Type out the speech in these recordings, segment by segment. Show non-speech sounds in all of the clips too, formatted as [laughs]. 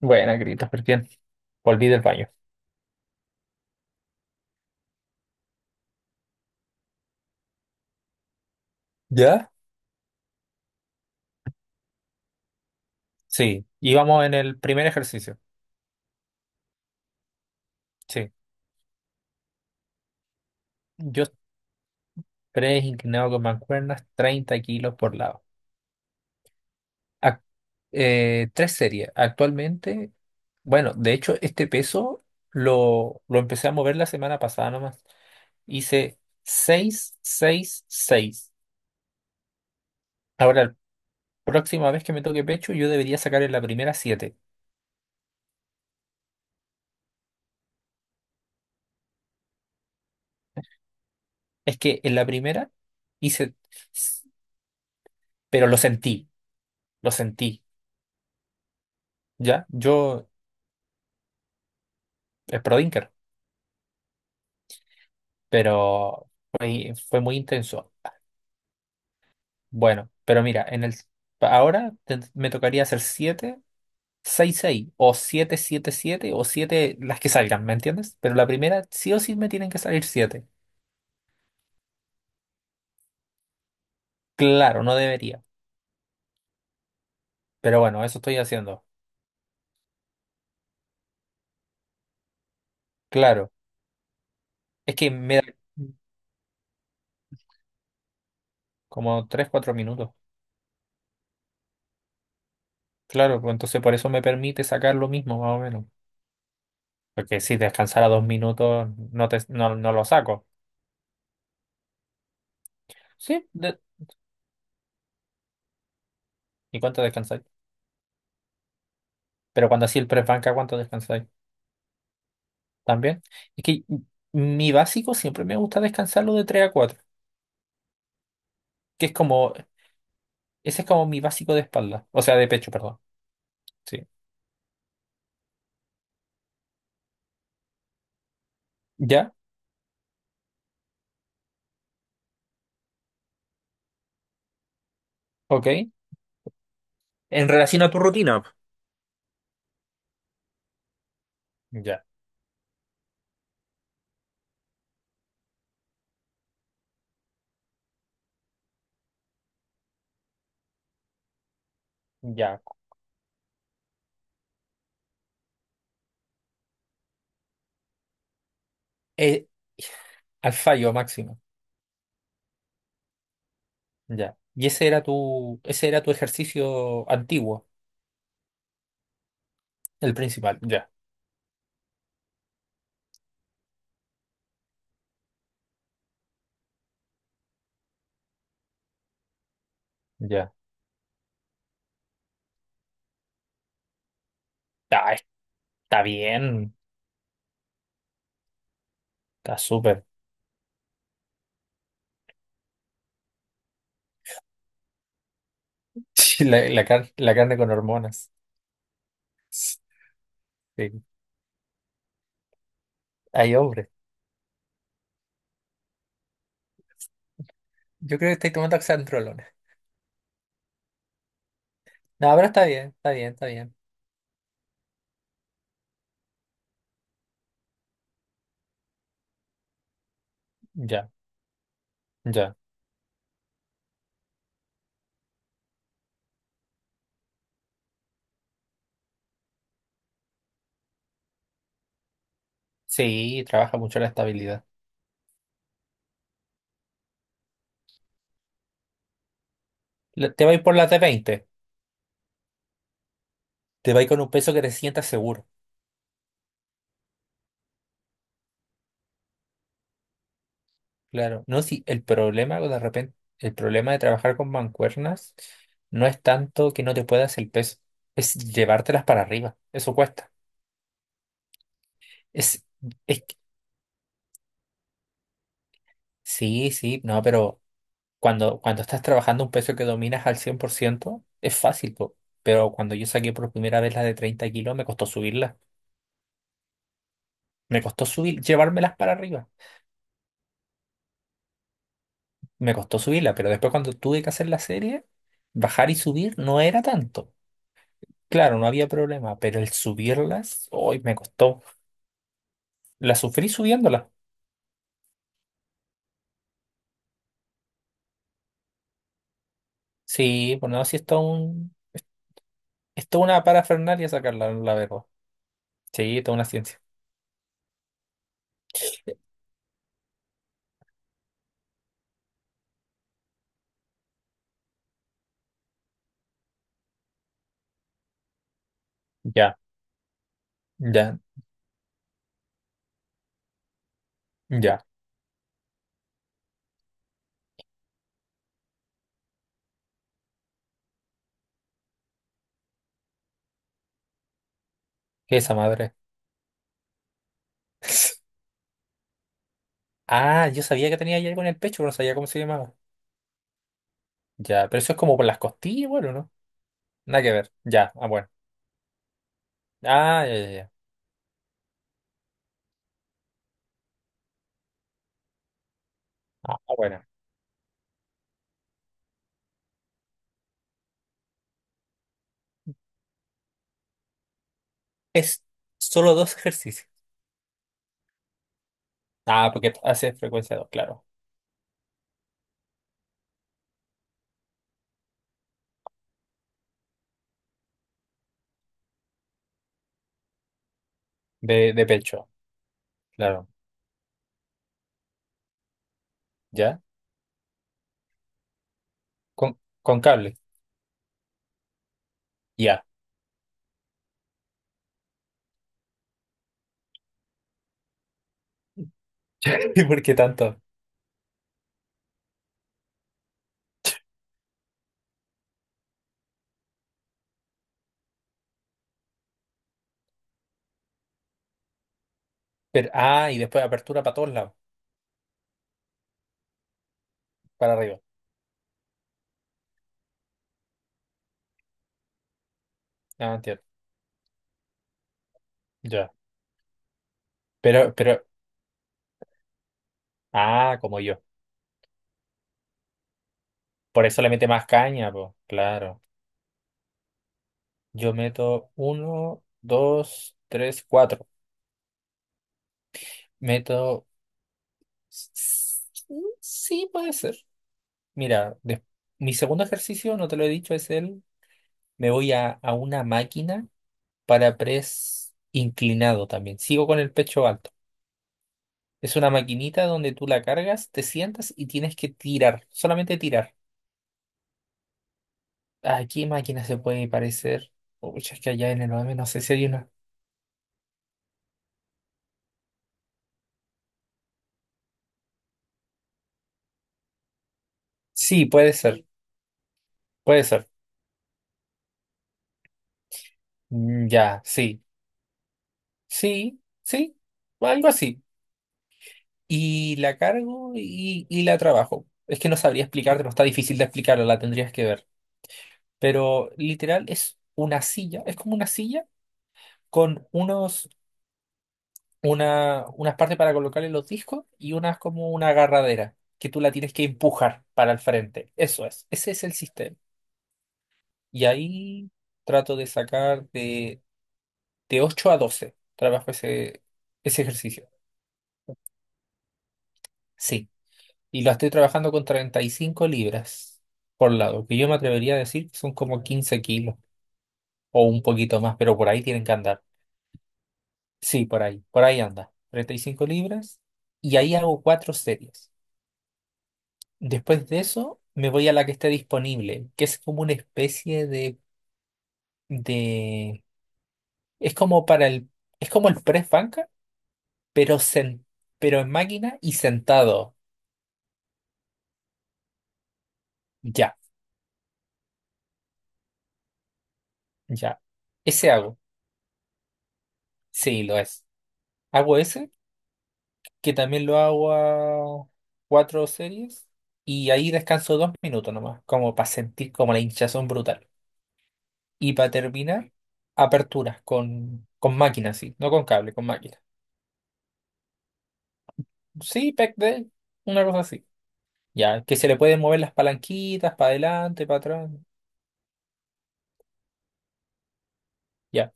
Buena, Christopher, bien. Volví del baño. ¿Ya? Sí, íbamos en el primer ejercicio. Sí, yo tres inclinado con mancuernas, 30 kilos por lado. Ac- tres series. Actualmente, bueno, de hecho, este peso lo empecé a mover la semana pasada nomás. Hice 6, 6, 6. Ahora, la próxima vez que me toque pecho, yo debería sacar en la primera 7. Es que en la primera hice, pero lo sentí, lo sentí. Ya, yo es pro Dinker, pero fue muy intenso. Bueno, pero mira, en el ahora me tocaría hacer 7 6 6 o 7 7 7 o 7 las que salgan, ¿me entiendes? Pero la primera sí o sí me tienen que salir siete. Claro, no debería, pero bueno, eso estoy haciendo. Claro, es que me da como 3 4 minutos. Claro, pues entonces por eso me permite sacar lo mismo, más o menos. Porque si descansara dos minutos, no, te, no, no lo saco. Sí, de- ¿Y cuánto descansas? Pero cuando así el press banca, ¿cuánto descansáis? También. Es que mi básico siempre me gusta descansarlo de 3 a cuatro, que es como, ese es como mi básico de espalda, o sea, de pecho, perdón. Sí. ¿Ya? Ok. En relación a tu rutina. Ya, ya. Eh, al fallo máximo. Ya. Y ese era tu ejercicio antiguo, el principal. Ya, ya. Ah, está bien. Está súper. [laughs] La carne con hormonas. Sí. Ay, hombre. Yo creo que estoy tomando oxandrolona. No, pero está bien, está bien, está bien. Ya, ya. Sí, trabaja mucho la estabilidad. Te va a ir por la t veinte. Te va con un peso que te sientas seguro. Claro. No, si el problema de repente, el problema de trabajar con mancuernas no es tanto que no te puedas el peso, es llevártelas para arriba. Eso cuesta. Es, es que- sí, sí, no, pero cuando estás trabajando un peso que dominas al 100 por ciento es fácil, po. Pero cuando yo saqué por primera vez la de 30 kilos, me costó subirla. Me costó subir, llevármelas para arriba. Me costó subirlas, pero después cuando tuve que hacer la serie, bajar y subir no era tanto. Claro, no había problema, pero el subirlas, hoy me costó. La sufrí subiéndolas. Sí, bueno, así es todo un, es toda una parafernalia sacarla, la verdad. Sí, toda una ciencia. Ya, ya, ya. ¿Qué es esa madre? [laughs] Ah, yo sabía que tenía ahí algo en el pecho, pero no sabía cómo se llamaba. Ya, pero eso es como por las costillas, bueno, ¿no? Nada que ver. Ya, ah, bueno. Ah, ya, ya, ya. Ah, bueno. Es solo dos ejercicios. Ah, porque hace frecuencia 2, claro. De pecho, claro. ¿Ya? Con cable. Ya. [laughs] ¿Y por qué tanto? Pero, ah, y después apertura para todos lados, para arriba. Ah, entiendo. Ya. Pero, ah, como yo. Por eso le mete más caña, pues. Claro. Yo meto uno, dos, tres, cuatro. Meto. s- Sí, puede ser. Mira, des- mi segundo ejercicio, no te lo he dicho, es el. Me voy a una máquina para press inclinado también. Sigo con el pecho alto. Es una maquinita donde tú la cargas, te sientas y tienes que tirar, solamente tirar. ¿A qué máquina se puede parecer? Uy, es que allá en el 9 no sé si hay una. Sí, puede ser, puede ser. Mm, ya, sí, sí, sí, o algo así. Y la cargo y la trabajo. Es que no sabría explicarte, no está difícil de explicarla, la tendrías que ver. Pero literal es una silla, es como una silla con unos una, unas partes para colocarle los discos y unas como una agarradera que tú la tienes que empujar para el frente. Eso es, ese es el sistema. Y ahí trato de de 8 a 12 trabajo ese ejercicio. Sí, y lo estoy trabajando con 35 libras por lado, que yo me atrevería a decir que son como 15 kilos o un poquito más, pero por ahí tienen que andar. Sí, por ahí anda. 35 libras y ahí hago cuatro series. Después de eso, me voy a la que esté disponible, que es como una especie de, es como para es como el press banca, pero pero en máquina y sentado. Ya, ya. Ese hago. Sí, lo es. Hago ese, que también lo hago a cuatro series, y ahí descanso dos minutos nomás, como para sentir como la hinchazón brutal. Y para terminar, aperturas con máquina, sí, no con cable, con máquina. Sí, pec de, una cosa así. Ya, que se le pueden mover las palanquitas para adelante, para atrás. Ya.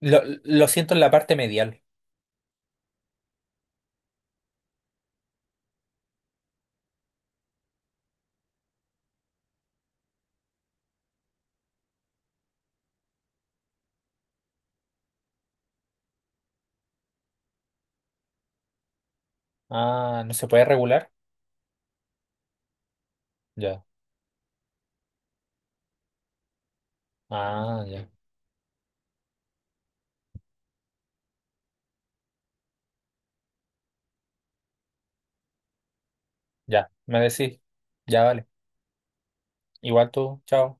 Lo siento en la parte medial. Ah, ¿no se puede regular? Ya. Ah, ya. Ya. Me decís. Ya vale. Igual tú. Chao.